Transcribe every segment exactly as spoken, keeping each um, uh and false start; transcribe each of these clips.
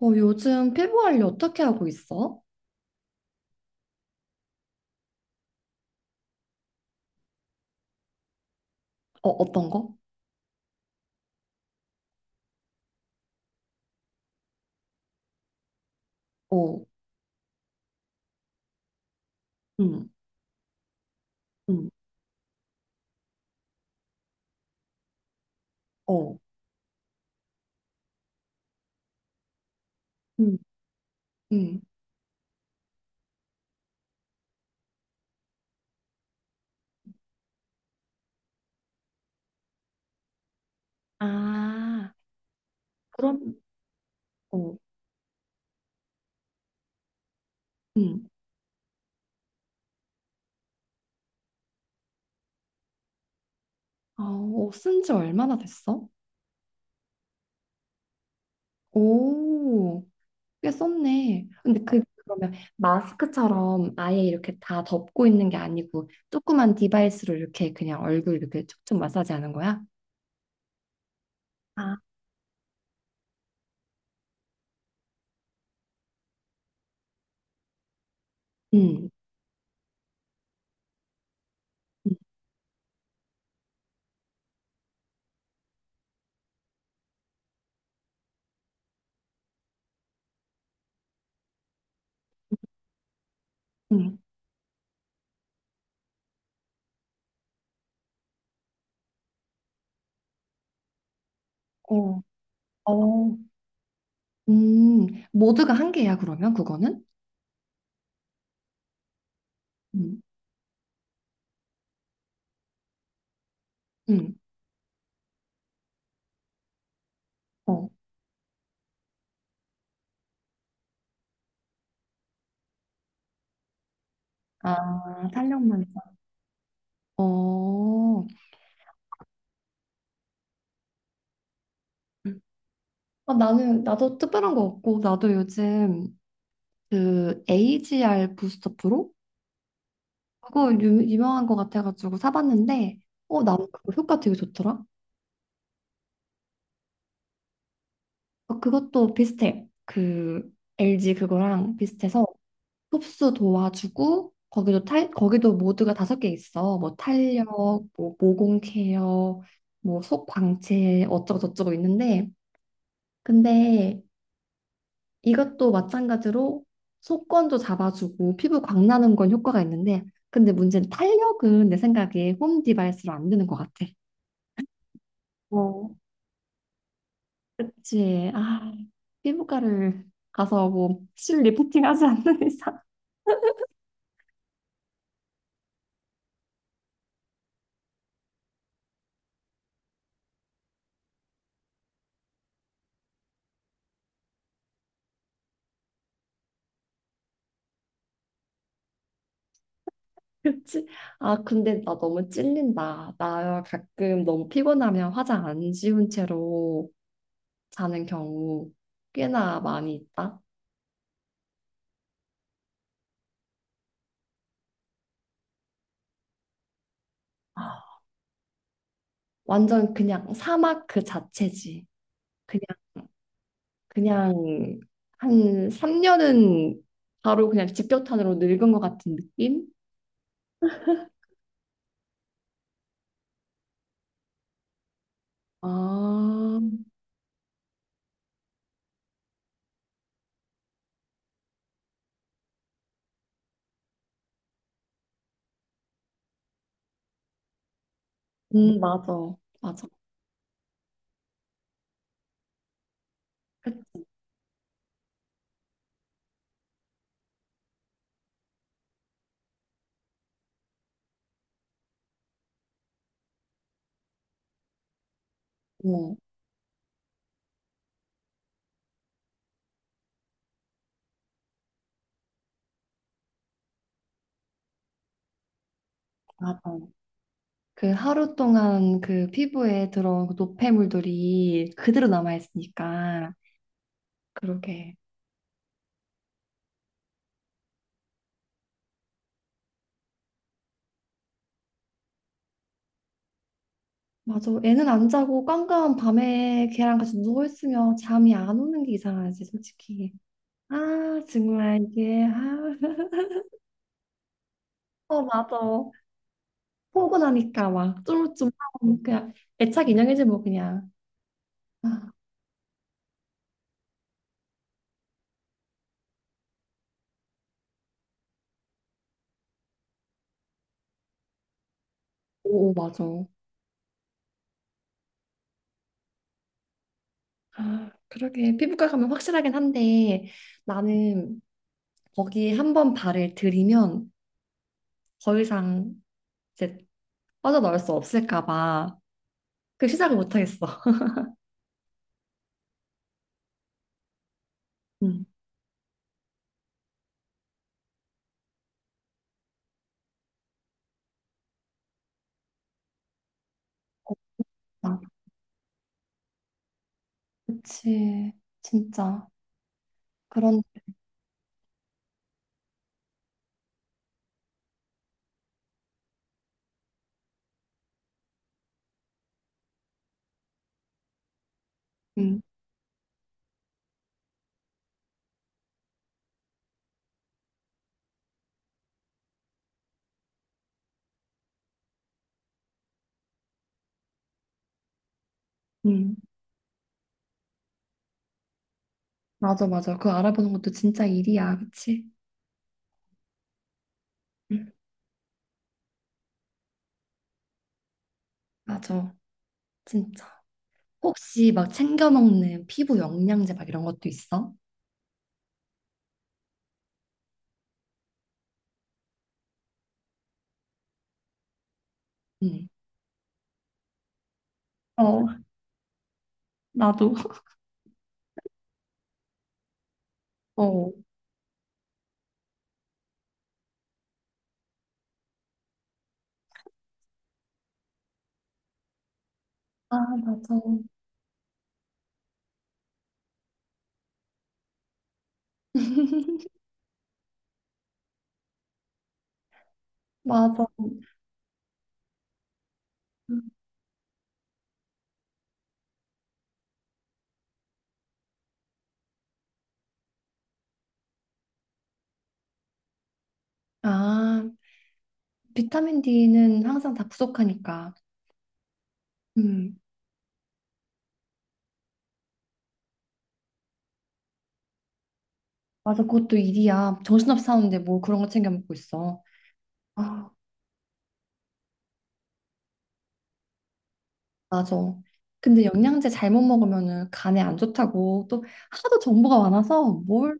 어, 요즘 피부 관리 어떻게 하고 있어? 어, 어떤 거? 어, 음, 음, 어, 음, 음. 아, 그럼, 어, 음. 아, 어, 쓴지 얼마나 됐어? 오, 꽤 썼네. 근데 그, 그러면 마스크처럼 아예 이렇게 다 덮고 있는 게 아니고 조그만 디바이스로 이렇게 그냥 얼굴 이렇게 촉촉 마사지 하는 거야? 아, 음, 음, 음. 어, 어, 음. 모두가 한 개야, 그러면 그거는? 음. 음. 어. 아, 탄력만. 있어. 어, 어, 나는, 나도 특별한 거 없고, 나도 요즘 그 에이지알 부스터 프로? 그거 유, 유명한 거 같아가지고 사봤는데, 어, 나는 그거 효과 되게 좋더라. 어, 그것도 비슷해. 그 엘지 그거랑 비슷해서 흡수 도와주고, 거기도 탈, 거기도 모드가 다섯 개 있어. 뭐 탄력, 뭐 모공 케어, 뭐 속 광채, 어쩌고저쩌고 있는데, 근데 이것도 마찬가지로 속건도 잡아주고 피부 광나는 건 효과가 있는데 근데 문제는 탄력은 내 생각에 홈 디바이스로 안 되는 것 같아. 어, 그치. 아, 피부과를 가서 뭐 실 리프팅 하지 않는 이상. 그치. 아, 근데 나 너무 찔린다. 나 가끔 너무 피곤하면 화장 안 지운 채로 자는 경우 꽤나 많이 있다. 아, 완전 그냥 사막 그 자체지. 그냥 그냥 한 삼 년은 바로 그냥 직격탄으로 늙은 것 같은 느낌? 아, 음, 맞아. 맞아. 그- 어. 맞아. 그 하루 동안 그 피부에 들어온 그 노폐물들이 그대로 남아있으니까. 그러게. 맞아. 애는 안 자고 깜깜 밤에 걔랑 같이 누워있으면 잠이 안 오는 게 이상하지, 솔직히. 아, 정말 이게. 아, 어, 맞아. 포근하니까 막 쫄쫄하고 그냥 애착 인형이지 뭐 그냥. 아, 오, 오, 맞아. 아, 그러게 피부과 가면 확실하긴 한데 나는 거기 한 번 발을 들이면 더 이상 이제 빠져나올 수 없을까 봐 그 시작을 못 하겠어. 음. 아, 그치. 진짜. 그런 음, 음. 맞아, 맞아. 그거 알아보는 것도 진짜 일이야. 그치? 음, 맞아. 진짜. 혹시 막 챙겨 먹는 피부 영양제 막 이런 것도 있어? 응. 어, 나도. 어. 아, 맞아. 맞아. 아, 비타민 D는 항상 다 부족하니까. 음, 맞아. 그것도 일이야. 정신없이 사는데 뭐 그런 거 챙겨 먹고 있어. 아, 맞아. 근데 영양제 잘못 먹으면은 간에 안 좋다고 또 하도 정보가 많아서 뭘.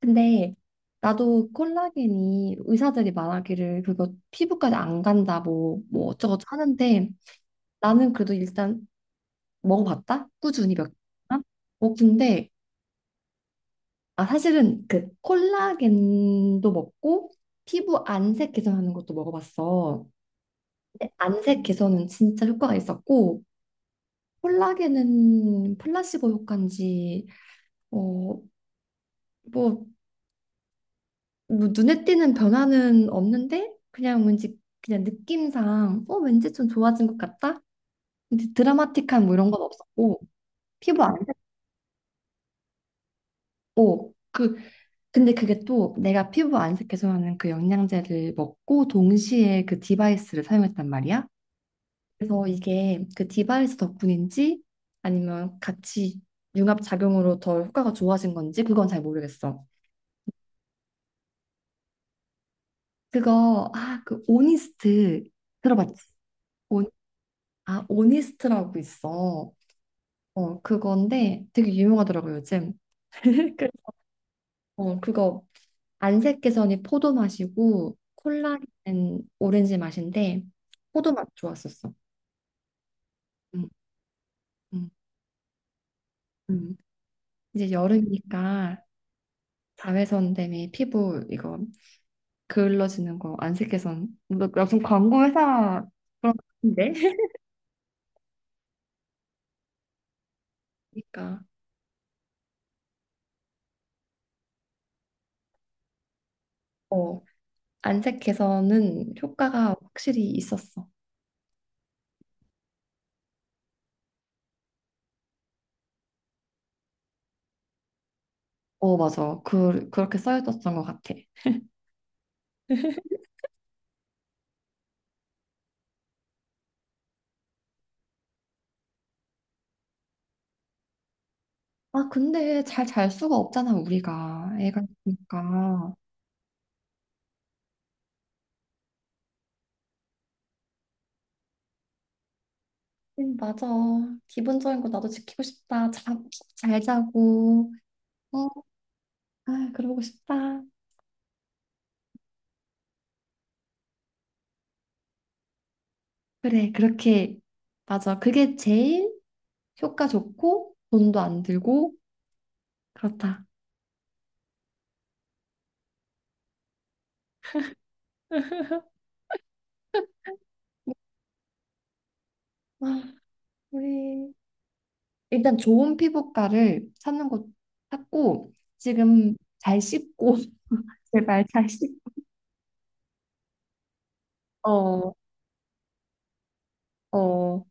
근데 나도 콜라겐이 의사들이 말하기를 그거 피부까지 안 간다 뭐, 뭐 어쩌고저쩌고 하는데 나는 그래도 일단 먹어봤다? 꾸준히 몇 개나? 어, 근데 아 사실은 그 콜라겐도 먹고 피부 안색 개선하는 것도 먹어봤어. 근데 안색 개선은 진짜 효과가 있었고 콜라겐은 플라시보 효과인지 어, 뭐, 뭐 눈에 띄는 변화는 없는데 그냥 왠지 그냥 느낌상 어 왠지 좀 좋아진 것 같다. 근데 드라마틱한 뭐 이런 건 없었고 피부 안색 어, 그 근데 그게 또 내가 피부 안색 개선하는 그 영양제를 먹고 동시에 그 디바이스를 사용했단 말이야. 그래서 이게 그 디바이스 덕분인지 아니면 같이 융합 작용으로 더 효과가 좋아진 건지 그건 잘 모르겠어. 그거 아, 그 오니스트 들어봤지? 온, 아, 오니스트라고 있어. 어, 그건데 되게 유명하더라고 요즘. 그- 어, 그거 안색개선이 포도 맛이고 콜라겐은 오렌지 맛인데 포도 맛 좋았었어. 음, 음, 음. 이제 여름이니까 자외선 때문에 피부 이거 그을러지는 거 안색개선 너 무슨 광고 회사 그런 거 같은데? 그러니까 어 안색개선은 효과가 확실히 있었어. 어 맞아 그 그렇게 써있었던 것 같아. 아 근데 잘 잘 수가 없잖아 우리가 애가 있으니까. 응, 맞아. 기본적인 거 나도 지키고 싶다. 자, 잘 자고. 어, 아, 그러고 싶다. 그래, 그렇게. 맞아. 그게 제일 효과 좋고, 돈도 안 들고, 그렇다. 아, 우리. 일단 좋은 피부과를 찾는 것 찾고, 지금 잘 씻고, 제발 잘 씻고. 어, 어.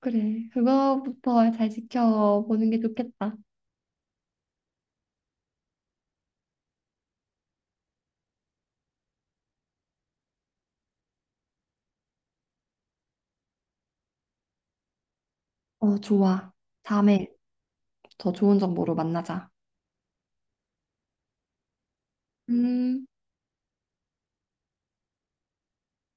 그래. 그거부터 잘 지켜보는 게 좋겠다. 어, 좋아. 다음에 더 좋은 정보로 만나자. 음.